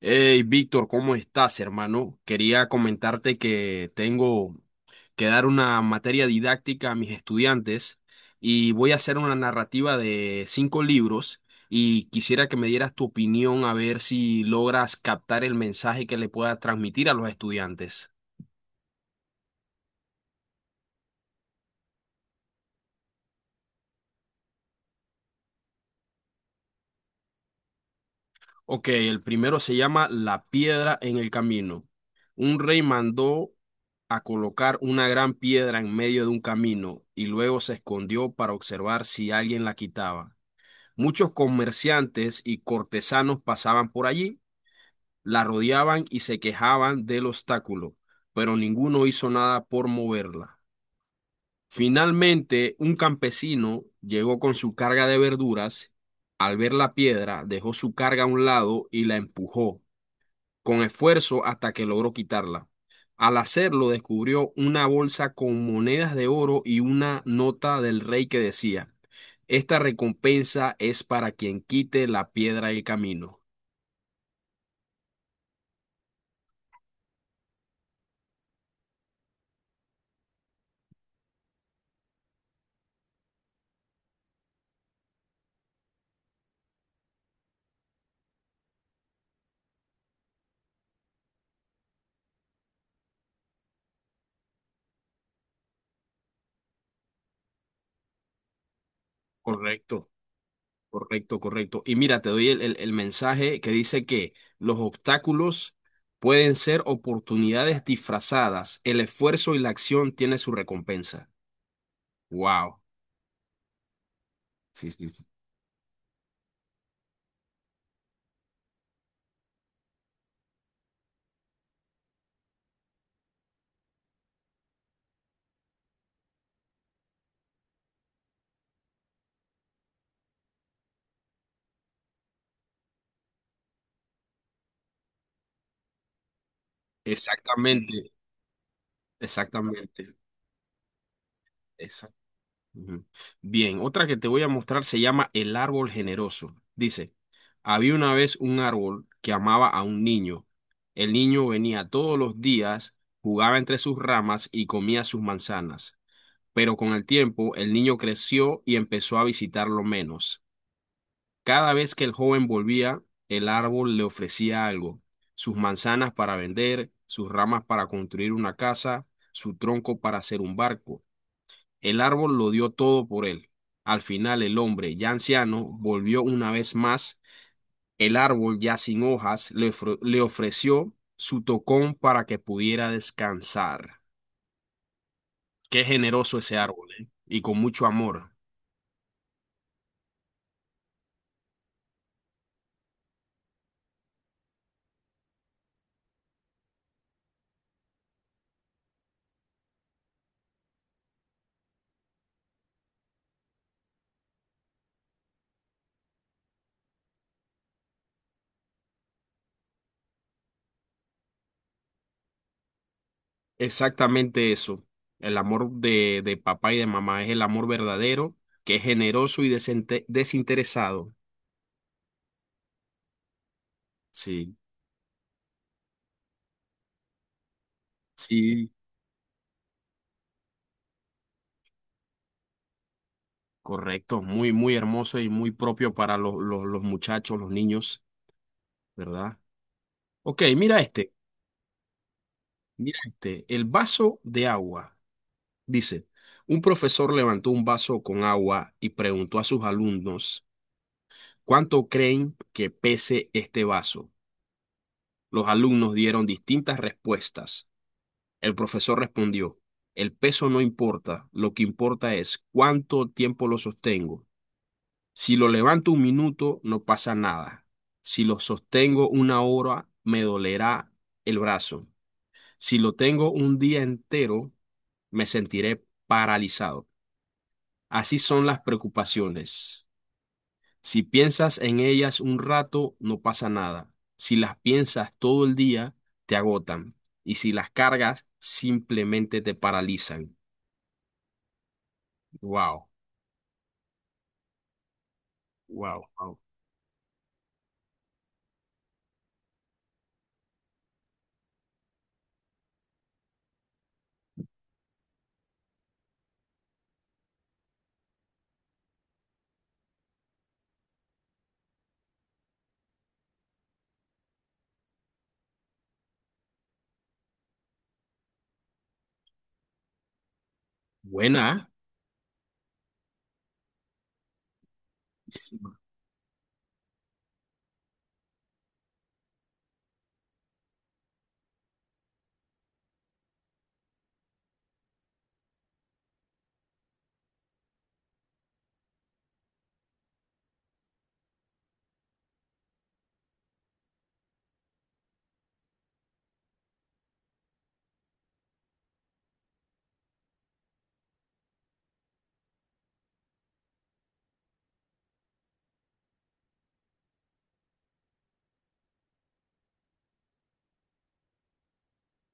Hey, Víctor, ¿cómo estás, hermano? Quería comentarte que tengo que dar una materia didáctica a mis estudiantes y voy a hacer una narrativa de cinco libros y quisiera que me dieras tu opinión a ver si logras captar el mensaje que le pueda transmitir a los estudiantes. Ok, el primero se llama La piedra en el camino. Un rey mandó a colocar una gran piedra en medio de un camino y luego se escondió para observar si alguien la quitaba. Muchos comerciantes y cortesanos pasaban por allí, la rodeaban y se quejaban del obstáculo, pero ninguno hizo nada por moverla. Finalmente, un campesino llegó con su carga de verduras. Al ver la piedra, dejó su carga a un lado y la empujó con esfuerzo hasta que logró quitarla. Al hacerlo, descubrió una bolsa con monedas de oro y una nota del rey que decía, esta recompensa es para quien quite la piedra del camino. Correcto, correcto, correcto. Y mira, te doy el mensaje que dice que los obstáculos pueden ser oportunidades disfrazadas. El esfuerzo y la acción tienen su recompensa. Wow. Sí, sí, sí. Exactamente, exactamente. Exactamente. Ujú. Bien, otra que te voy a mostrar se llama El árbol generoso. Dice, había una vez un árbol que amaba a un niño. El niño venía todos los días, jugaba entre sus ramas y comía sus manzanas. Pero con el tiempo el niño creció y empezó a visitarlo menos. Cada vez que el joven volvía, el árbol le ofrecía algo. Sus manzanas para vender, sus ramas para construir una casa, su tronco para hacer un barco. El árbol lo dio todo por él. Al final el hombre, ya anciano, volvió una vez más. El árbol, ya sin hojas, le ofreció su tocón para que pudiera descansar. Qué generoso ese árbol, ¿eh? Y con mucho amor. Exactamente eso. El amor de papá y de mamá es el amor verdadero, que es generoso y desinteresado. Sí, sí, correcto. Muy, muy hermoso y muy propio para los muchachos, los niños, ¿verdad? Ok, mira este, el vaso de agua. Dice, un profesor levantó un vaso con agua y preguntó a sus alumnos cuánto creen que pese este vaso. Los alumnos dieron distintas respuestas. El profesor respondió, el peso no importa, lo que importa es cuánto tiempo lo sostengo. Si lo levanto un minuto, no pasa nada. Si lo sostengo una hora, me dolerá el brazo. Si lo tengo un día entero, me sentiré paralizado. Así son las preocupaciones. Si piensas en ellas un rato, no pasa nada. Si las piensas todo el día, te agotan. Y si las cargas, simplemente te paralizan. Wow, wow, wow. Buena. ¿Eh?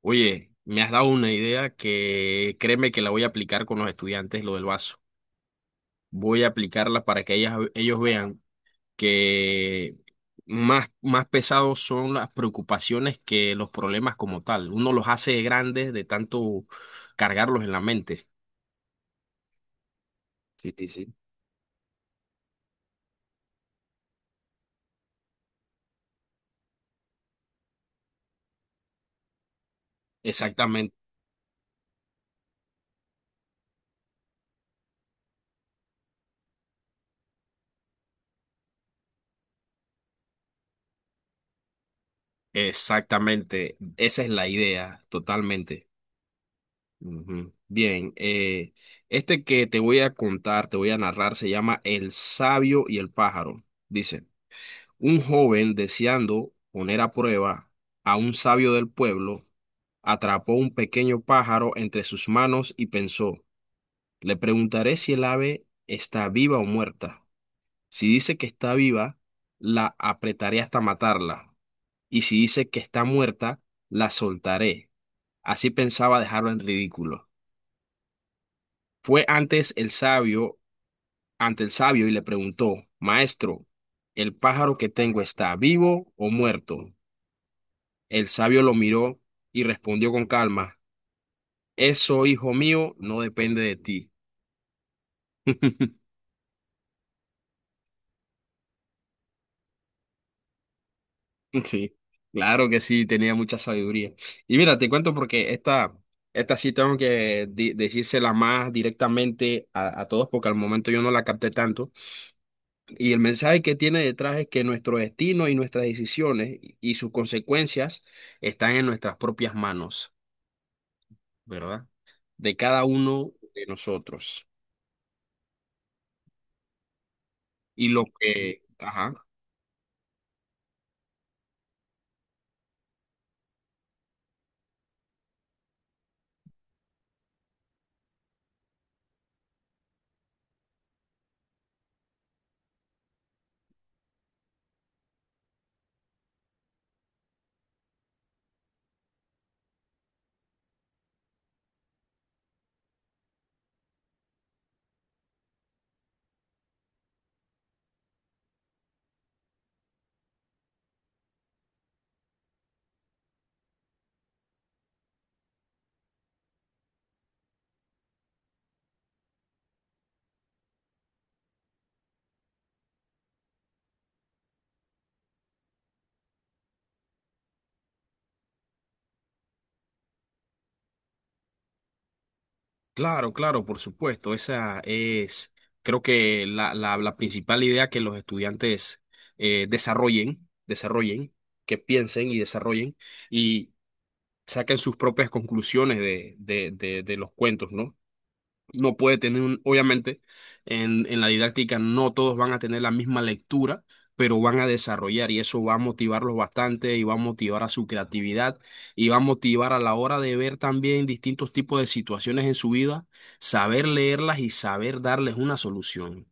Oye, me has dado una idea que créeme que la voy a aplicar con los estudiantes, lo del vaso. Voy a aplicarla para que ellos vean que más pesados son las preocupaciones que los problemas como tal. Uno los hace grandes de tanto cargarlos en la mente. Sí, sí, sí. Exactamente, exactamente. Esa es la idea, totalmente. Ujú. Bien, este que te voy a contar, te voy a narrar, se llama El sabio y el pájaro. Dice, un joven deseando poner a prueba a un sabio del pueblo, atrapó un pequeño pájaro entre sus manos y pensó, le preguntaré si el ave está viva o muerta. Si dice que está viva, la apretaré hasta matarla, y si dice que está muerta, la soltaré. Así pensaba dejarlo en ridículo. Fue ante el sabio y le preguntó, Maestro, ¿el pájaro que tengo está vivo o muerto? El sabio lo miró y respondió con calma, eso, hijo mío, no depende de ti. Sí, claro que sí, tenía mucha sabiduría. Y mira, te cuento porque esta sí tengo que decírsela más directamente a todos porque al momento yo no la capté tanto. Y el mensaje que tiene detrás es que nuestro destino y nuestras decisiones y sus consecuencias están en nuestras propias manos, ¿verdad? De cada uno de nosotros. Y lo que, ajá. Claro, claro, por supuesto. Esa es, creo que la principal idea que los estudiantes desarrollen, desarrollen, que piensen y desarrollen y saquen sus propias conclusiones de los cuentos, ¿no? No puede tener un, obviamente, en la didáctica no todos van a tener la misma lectura, pero van a desarrollar y eso va a motivarlos bastante y va a motivar a su creatividad y va a motivar a la hora de ver también distintos tipos de situaciones en su vida, saber leerlas y saber darles una solución.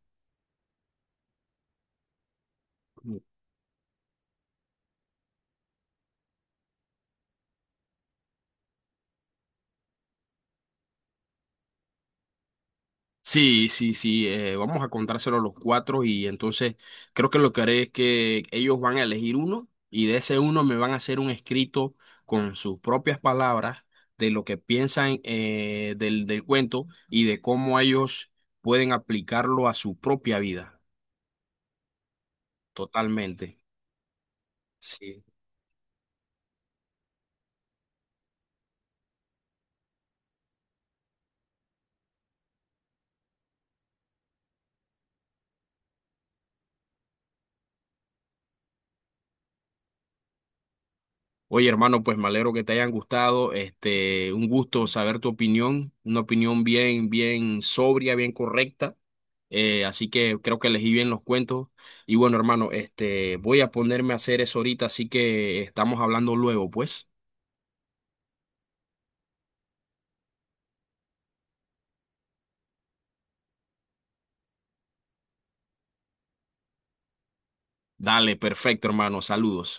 Sí, sí, sí, vamos a contárselo a los cuatro y entonces creo que lo que haré es que ellos van a elegir uno y de ese uno me van a hacer un escrito con sus propias palabras de lo que piensan del cuento y de cómo ellos pueden aplicarlo a su propia vida, totalmente. Sí. Oye, hermano, pues me alegro que te hayan gustado. Este, un gusto saber tu opinión, una opinión bien, bien sobria, bien correcta. Así que creo que elegí bien los cuentos. Y bueno, hermano, este, voy a ponerme a hacer eso ahorita, así que estamos hablando luego, pues. Dale, perfecto, hermano. Saludos.